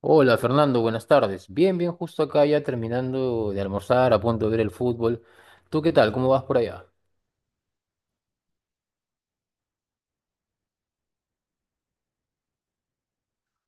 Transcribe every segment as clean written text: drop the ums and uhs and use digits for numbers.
Hola Fernando, buenas tardes. Bien, bien, justo acá ya terminando de almorzar, a punto de ver el fútbol. ¿Tú qué tal? ¿Cómo vas por allá?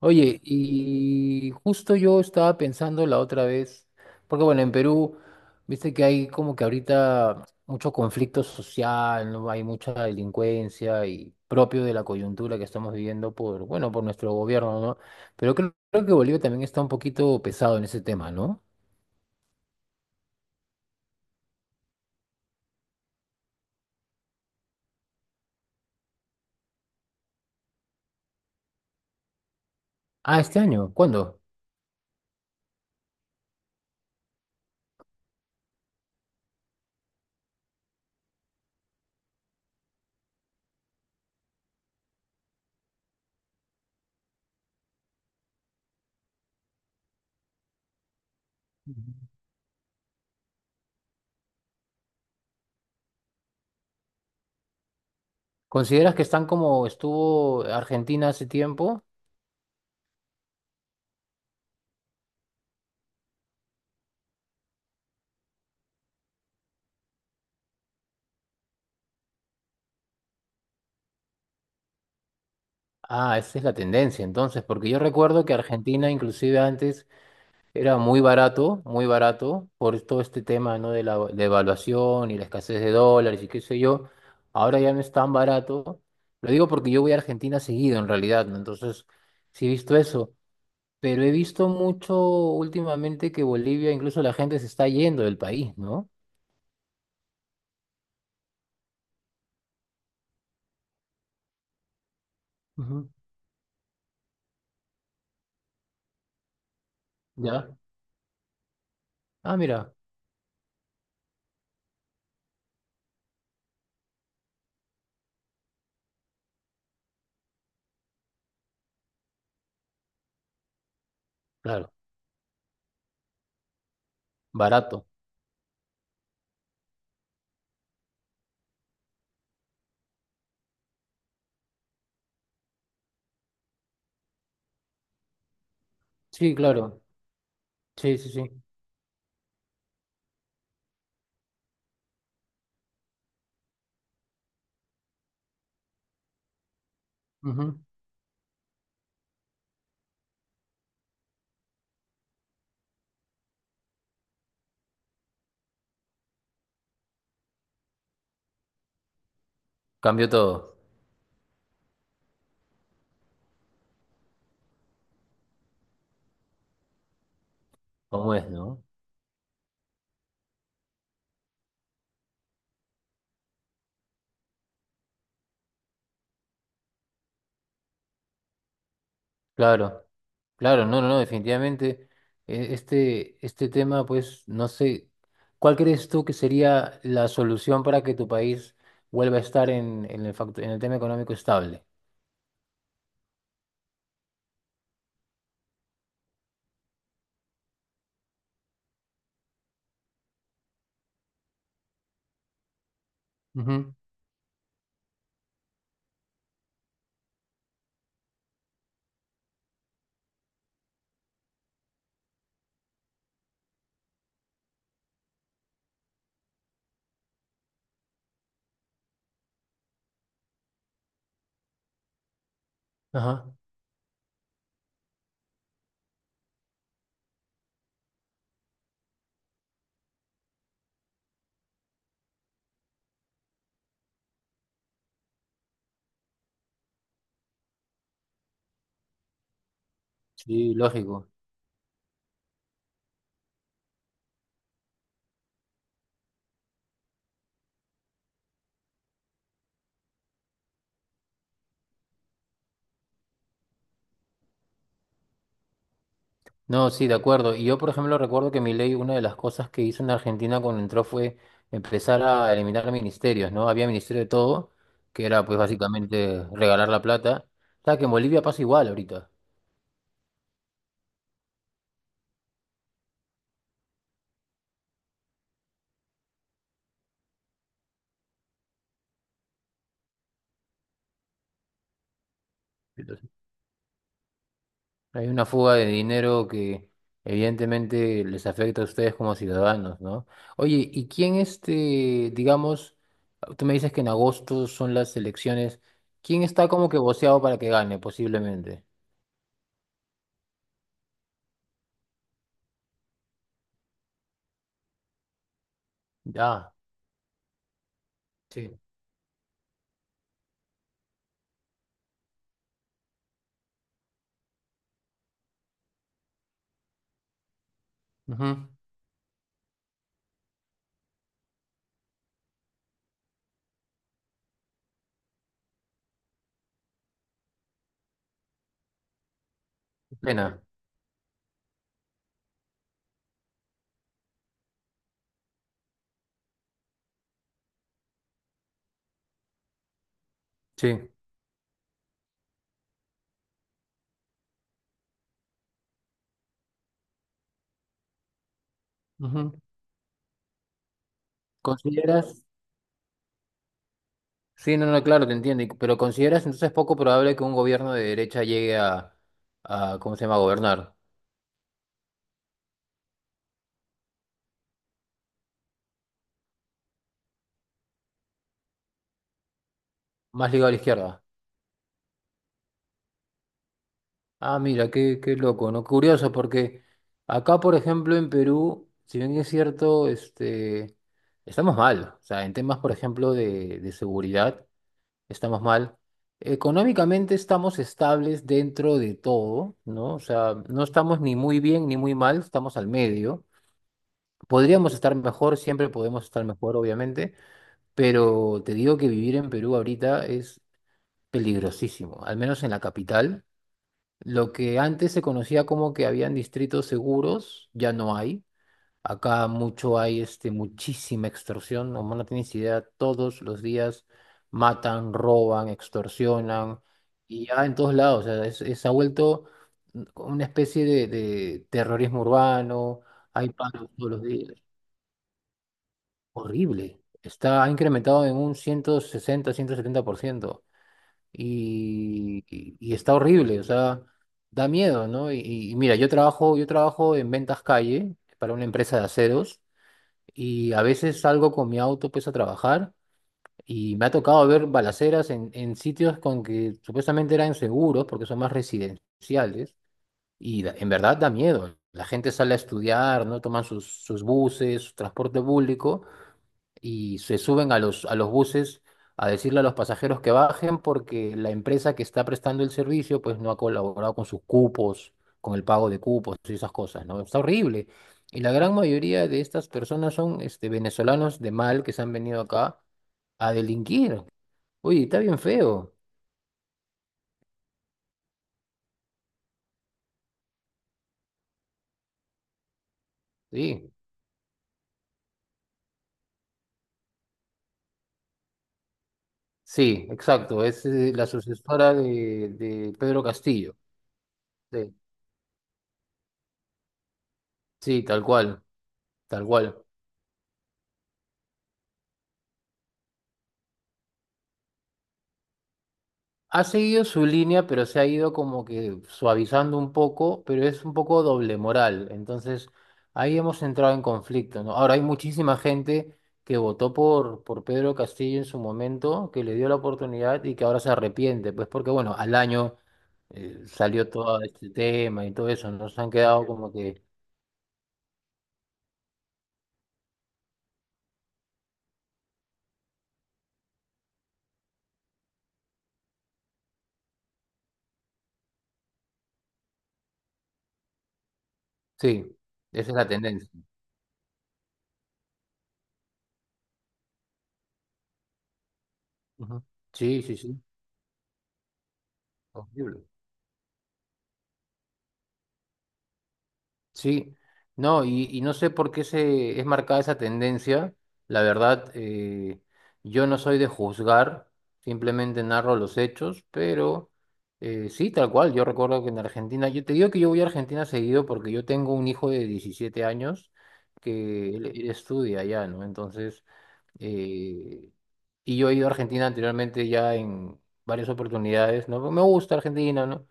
Oye, y justo yo estaba pensando la otra vez, porque bueno, en Perú, viste que hay como que ahorita mucho conflicto social, ¿no? Hay mucha delincuencia y propio de la coyuntura que estamos viviendo por, bueno, por nuestro gobierno, ¿no? Pero creo que Bolivia también está un poquito pesado en ese tema, ¿no? Ah, este año, ¿cuándo? ¿Consideras que están como estuvo Argentina hace tiempo? Ah, esa es la tendencia entonces, porque yo recuerdo que Argentina inclusive antes era muy barato, por todo este tema, ¿no?, de la devaluación y la escasez de dólares y qué sé yo. Ahora ya no es tan barato. Lo digo porque yo voy a Argentina seguido en realidad, ¿no? Entonces, sí he visto eso, pero he visto mucho últimamente que Bolivia, incluso la gente se está yendo del país, ¿no? Ujú. ¿Ya? Ah, mira, claro, barato. Sí, claro. Sí, sí, sí. Ujú. Cambió todo, como es, ¿no? Claro, claro, no, no, no, definitivamente. Este, este tema, pues, no sé, ¿cuál crees tú que sería la solución para que tu país vuelva a estar en el, en el tema económico estable? Ujú. Ajá, sí, lógico. No, sí, de acuerdo. Y yo, por ejemplo, recuerdo que Milei, una de las cosas que hizo en Argentina cuando entró fue empezar a eliminar ministerios, ¿no? Había ministerio de todo, que era pues básicamente regalar la plata. O sea, que en Bolivia pasa igual ahorita. Entonces, hay una fuga de dinero que evidentemente les afecta a ustedes como ciudadanos, ¿no? Oye, ¿y quién este, digamos, tú me dices que en agosto son las elecciones, ¿quién está como que voceado para que gane posiblemente? Ya, sí. Ujú. Pena. Sí. Ujú. ¿Consideras? Sí, no, no, claro, te entiendo. Pero ¿consideras entonces poco probable que un gobierno de derecha llegue a ¿cómo se llama?, gobernar. Más ligado a la izquierda. Ah, mira, qué, qué loco, ¿no? Curioso, porque acá, por ejemplo, en Perú, si bien es cierto, este, estamos mal. O sea, en temas, por ejemplo, de seguridad, estamos mal. Económicamente estamos estables dentro de todo, ¿no? O sea, no estamos ni muy bien ni muy mal, estamos al medio. Podríamos estar mejor, siempre podemos estar mejor, obviamente, pero te digo que vivir en Perú ahorita es peligrosísimo, al menos en la capital. Lo que antes se conocía como que habían distritos seguros, ya no hay. Acá mucho hay este, muchísima extorsión, no, no tienes idea, todos los días matan, roban, extorsionan, y ya en todos lados, o sea, se ha vuelto una especie de terrorismo urbano, hay paros todos los días. Horrible. Está, ha incrementado en un 160, 170%. Y está horrible, o sea, da miedo, ¿no? Y mira, yo trabajo en ventas calle para una empresa de aceros y a veces salgo con mi auto pues a trabajar y me ha tocado ver balaceras en sitios con que supuestamente eran seguros porque son más residenciales y en verdad da miedo. La gente sale a estudiar, ¿no? Toman sus, sus buses, su transporte público y se suben a los buses a decirle a los pasajeros que bajen porque la empresa que está prestando el servicio pues no ha colaborado con sus cupos, con el pago de cupos y esas cosas, ¿no? Está horrible. Y la gran mayoría de estas personas son este, venezolanos de mal que se han venido acá a delinquir. Oye, está bien feo. Sí, sí, exacto. Es la sucesora de Pedro Castillo. Sí, sí, tal cual, tal cual. Ha seguido su línea, pero se ha ido como que suavizando un poco, pero es un poco doble moral. Entonces, ahí hemos entrado en conflicto, ¿no? Ahora hay muchísima gente que votó por Pedro Castillo en su momento, que le dio la oportunidad y que ahora se arrepiente, pues porque, bueno, al año salió todo este tema y todo eso, nos han quedado como que, sí, esa es la tendencia. Ujú. Sí, sí, sí, horrible. Sí, no, y no sé por qué se es marcada esa tendencia. La verdad, yo no soy de juzgar, simplemente narro los hechos, pero sí, tal cual. Yo recuerdo que en Argentina, yo te digo que yo voy a Argentina seguido porque yo tengo un hijo de 17 años que él estudia allá, ¿no? Entonces, eh, y yo he ido a Argentina anteriormente ya en varias oportunidades, ¿no? Me gusta Argentina, ¿no?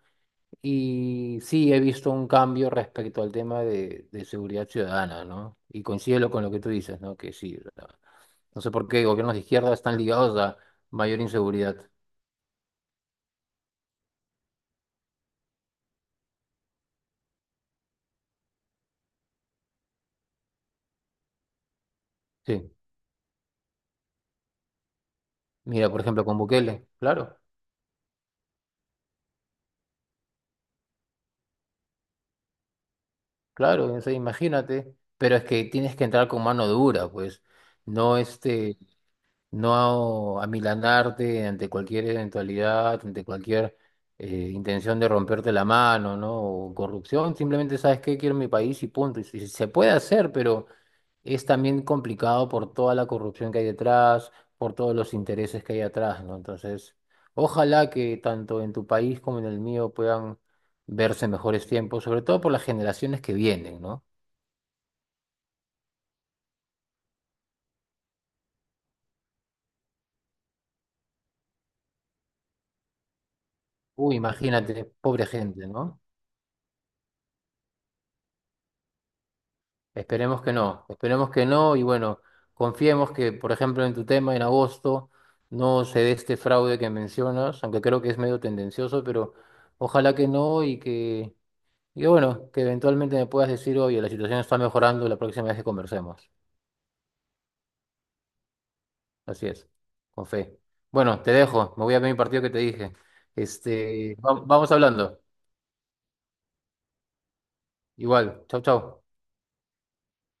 Y sí, he visto un cambio respecto al tema de seguridad ciudadana, ¿no? Y coincido con lo que tú dices, ¿no? Que sí, o sea, no sé por qué gobiernos de izquierda están ligados a mayor inseguridad. Sí, mira, por ejemplo, con Bukele, claro, claro, o sea, imagínate, pero es que tienes que entrar con mano dura, pues, no este, no amilanarte ante cualquier eventualidad, ante cualquier intención de romperte la mano, ¿no? O corrupción, simplemente sabes que quiero mi país y punto. Se puede hacer, pero es también complicado por toda la corrupción que hay detrás, por todos los intereses que hay atrás, ¿no? Entonces, ojalá que tanto en tu país como en el mío puedan verse mejores tiempos, sobre todo por las generaciones que vienen, ¿no? Uy, imagínate, pobre gente, ¿no? Esperemos que no, esperemos que no y bueno, confiemos que, por ejemplo, en tu tema en agosto no se dé este fraude que mencionas, aunque creo que es medio tendencioso, pero ojalá que no y que, y bueno, que eventualmente me puedas decir, oye, la situación está mejorando la próxima vez que conversemos. Así es, con fe. Bueno, te dejo, me voy a ver mi partido que te dije. Este, vamos hablando. Igual, chau, chau.